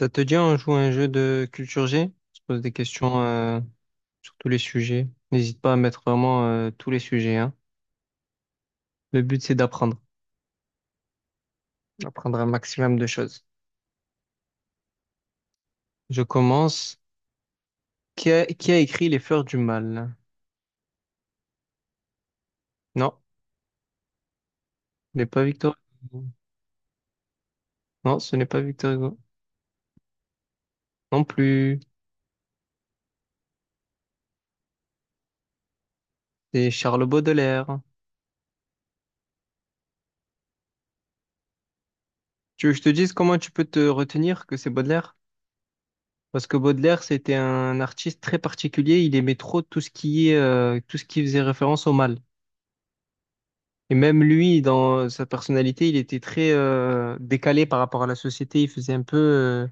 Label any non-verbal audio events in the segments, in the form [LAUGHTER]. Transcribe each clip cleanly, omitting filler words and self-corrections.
Ça te dit, on joue à un jeu de culture G? On se pose des questions sur tous les sujets. N'hésite pas à mettre vraiment tous les sujets, hein. Le but, c'est d'apprendre, d'apprendre un maximum de choses. Je commence. Qui a écrit Les Fleurs du Mal? Non, ce n'est pas Victor Hugo. Non, ce n'est pas Victor Hugo. Non plus. C'est Charles Baudelaire. Tu veux que je te dise comment tu peux te retenir que c'est Baudelaire? Parce que Baudelaire, c'était un artiste très particulier. Il aimait trop tout ce qui est, tout ce qui faisait référence au mal. Et même lui, dans sa personnalité, il était très décalé par rapport à la société. Il faisait un peu,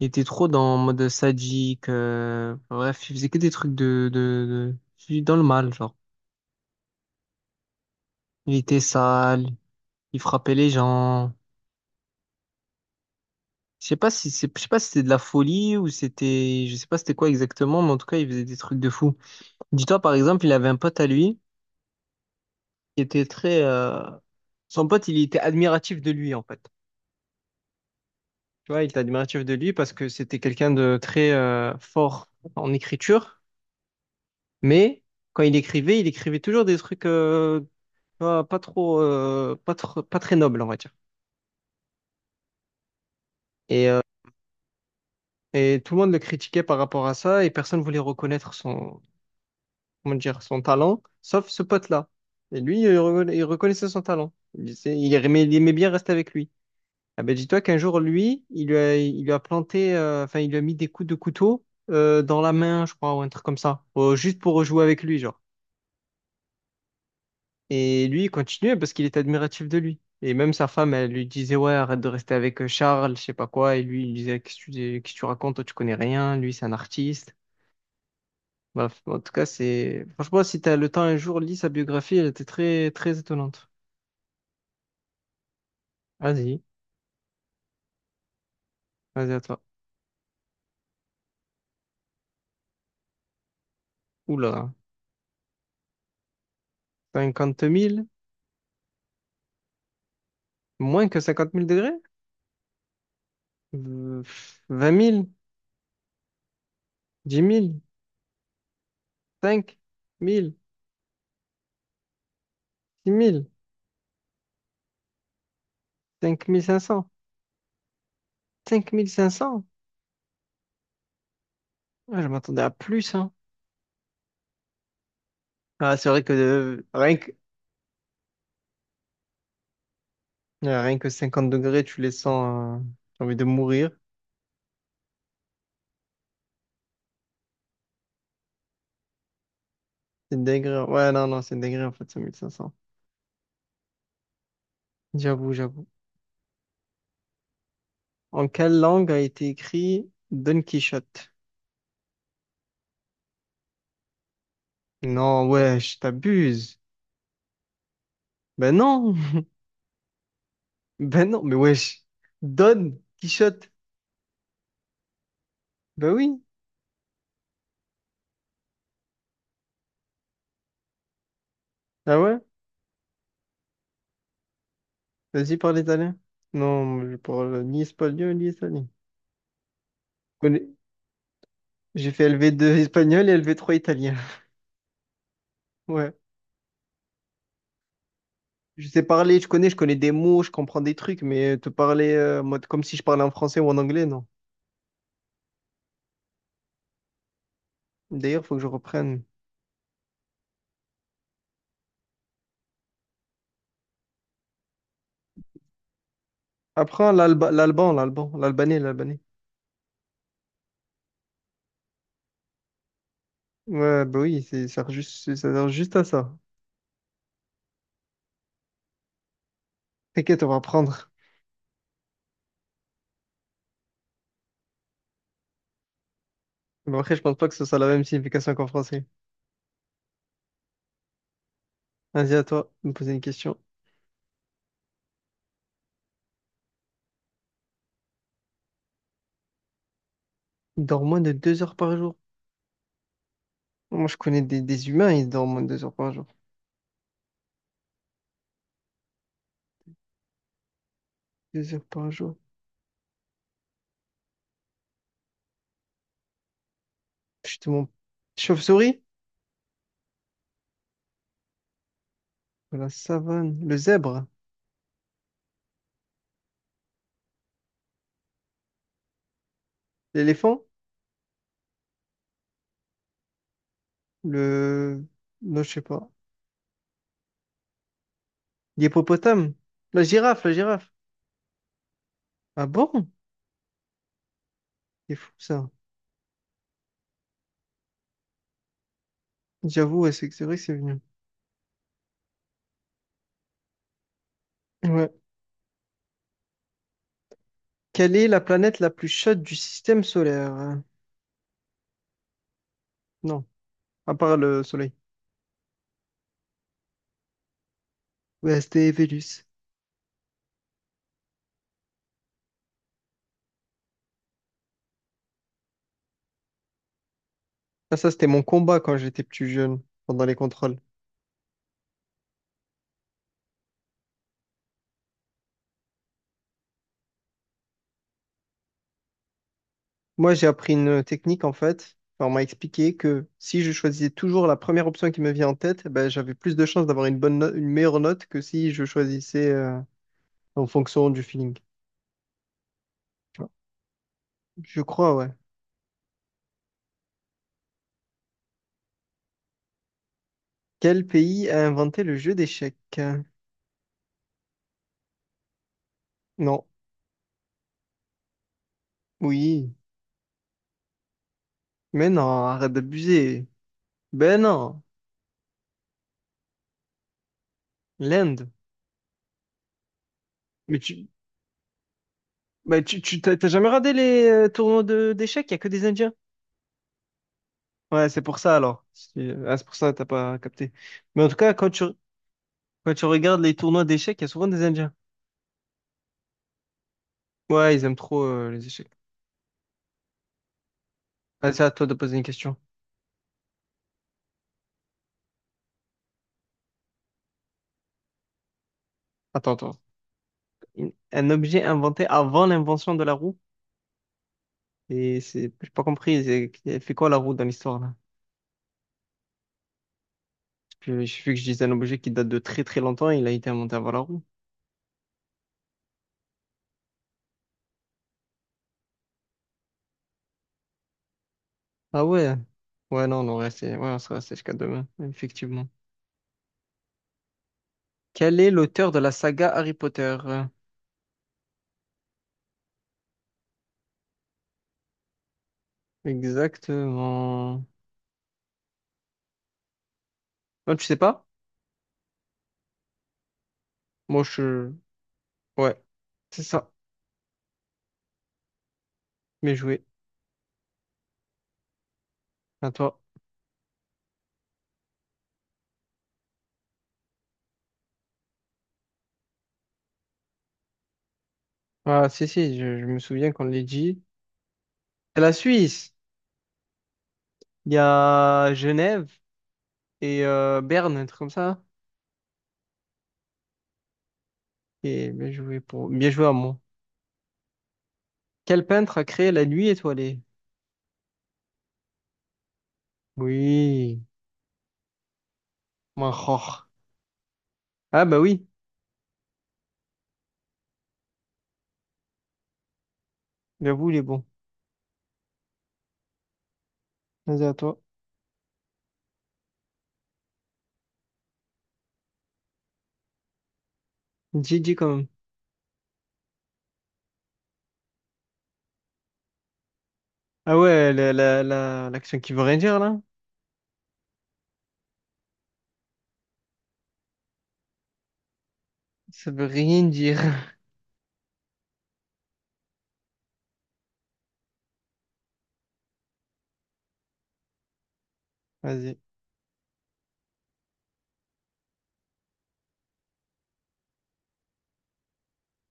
il était trop dans en mode sadique. Enfin, bref, il faisait que des trucs dans le mal, genre. Il était sale, il frappait les gens. Je sais pas si c'était de la folie ou je sais pas c'était quoi exactement, mais en tout cas, il faisait des trucs de fou. Dis-toi, par exemple, il avait un pote à lui qui était très, euh, son pote, il était admiratif de lui, en fait. Tu vois, il était admiratif de lui parce que c'était quelqu'un de très fort en écriture, mais quand il écrivait toujours des trucs tu vois, pas trop, pas très nobles, on va dire. Et, euh, et tout le monde le critiquait par rapport à ça et personne voulait reconnaître son, comment dire, son talent, sauf ce pote-là. Et lui, il reconnaissait son talent. Il aimait bien rester avec lui. Ah ben, dis-toi qu'un jour, lui, il lui a planté, il lui a mis des coups de couteau dans la main, je crois, ou un truc comme ça, juste pour rejouer avec lui, genre. Et lui, il continuait parce qu'il était admiratif de lui. Et même sa femme, elle lui disait, ouais, arrête de rester avec Charles, je sais pas quoi. Et lui, il disait, qu'est-ce que tu racontes, toi, tu connais rien, lui, c'est un artiste. Bref, en tout cas, franchement, si t'as le temps un jour, lis sa biographie, elle était très, très étonnante. Vas-y, vas-y à toi. Oula, 50 000. Moins que 50 000 degrés? Euh, 20 000? 10 000, 5 000, 6 000, 5 500, 5 500. Ah, je m'attendais à plus, hein. Ah, c'est vrai que rien que 50 degrés, tu les sens, j'ai envie de mourir. C'est dégré. Ouais, non, non, c'est dégré en fait, cinq mille cinq 500. J'avoue, j'avoue. En quelle langue a été écrit Don Quichotte? Non, wesh, t'abuses. Ben non, [LAUGHS] ben non, mais wesh. Don Quichotte. Ben oui, ah ouais? Vas-y, parle italien. Non, je parle ni espagnol ni italien. connais- J'ai fait LV2 espagnol et LV3 italien. [LAUGHS] Ouais. Je sais parler, je connais des mots, je comprends des trucs, mais te parler mode comme si je parlais en français ou en anglais, non. D'ailleurs, faut que je reprenne. Apprends l'albanais, l'albanais. Ouais, bah oui, ça sert juste à ça. T'inquiète, on va apprendre. Mais après, je pense pas que ce soit la même signification qu'en français. Vas-y, à toi, de me poser une question. Il dort moins de 2 heures par jour. Moi, je connais des humains, ils dorment moins de deux heures par jour. Deux heures par jour. Justement. Chauve-souris? La savane, le zèbre, l'éléphant, le... non, je sais pas. L'hippopotame, la girafe, la girafe. Ah bon? C'est fou ça. J'avoue, ouais, c'est vrai que c'est venu. Ouais. Quelle est la planète la plus chaude du système solaire, hein? Non, à part le Soleil. Ouais, c'était Vénus. Ah, ça, c'était mon combat quand j'étais plus jeune, pendant les contrôles. Moi, j'ai appris une technique, en fait. Enfin, on m'a expliqué que si je choisissais toujours la première option qui me vient en tête, eh ben, j'avais plus de chances d'avoir une bonne no- une meilleure note que si je choisissais, en fonction du feeling. Tu vois. Je crois, ouais. Quel pays a inventé le jeu d'échecs? Non. Oui. Mais non, arrête d'abuser. Ben non, l'Inde. Mais tu, mais tu, tu t'as t'as jamais regardé les tournois de d'échecs? Il y a que des Indiens. Ouais, c'est pour ça alors. C'est pour ça que t'as pas capté. Mais en tout cas, quand tu regardes les tournois d'échecs, il y a souvent des Indiens. Ouais, ils aiment trop les échecs. Ah, c'est à toi de poser une question. Attends, attends. Un objet inventé avant l'invention de la roue? Et c'est, j'ai pas compris, elle fait quoi la roue dans l'histoire là? Puis, j'ai vu que je disais un objet qui date de très très longtemps, il a été inventé avant la roue. Ah ouais? Ouais, non, on aurait resté, ouais, on serait resté jusqu'à demain, effectivement. Quel est l'auteur de la saga Harry Potter? Exactement. Non, tu sais pas? Moi, je. Ouais, c'est ça. Bien joué. À toi. Ah, si, si, je me souviens qu'on l'a dit. C'est la Suisse. Il y a Genève et Berne, un truc comme ça. Et bien joué pour. Bien joué à moi. Quel peintre a créé la nuit étoilée? Oui, Manchor. Ah bah oui, j'avoue, il est bon. Vas-y à toi. Gigi quand même. Ah ouais, l'action qui veut rien dire là? Ça veut rien dire. [LAUGHS] Vas-y.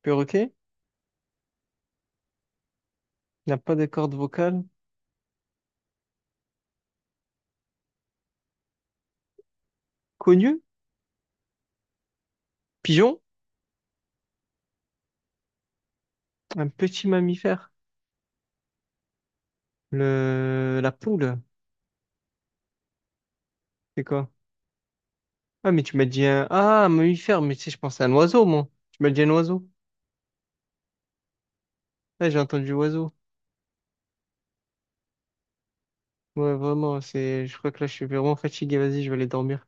Perroquet? Il n'a pas de corde vocale. Connu? Pigeon? Un petit mammifère. La poule, c'est quoi? Ah mais tu m'as dit un... Ah, un mammifère, mais tu sais, je pensais à un oiseau, moi. Tu m'as dit un oiseau? Ah, j'ai entendu oiseau. Ouais, vraiment, je crois que là, je suis vraiment fatigué. Vas-y, je vais aller dormir.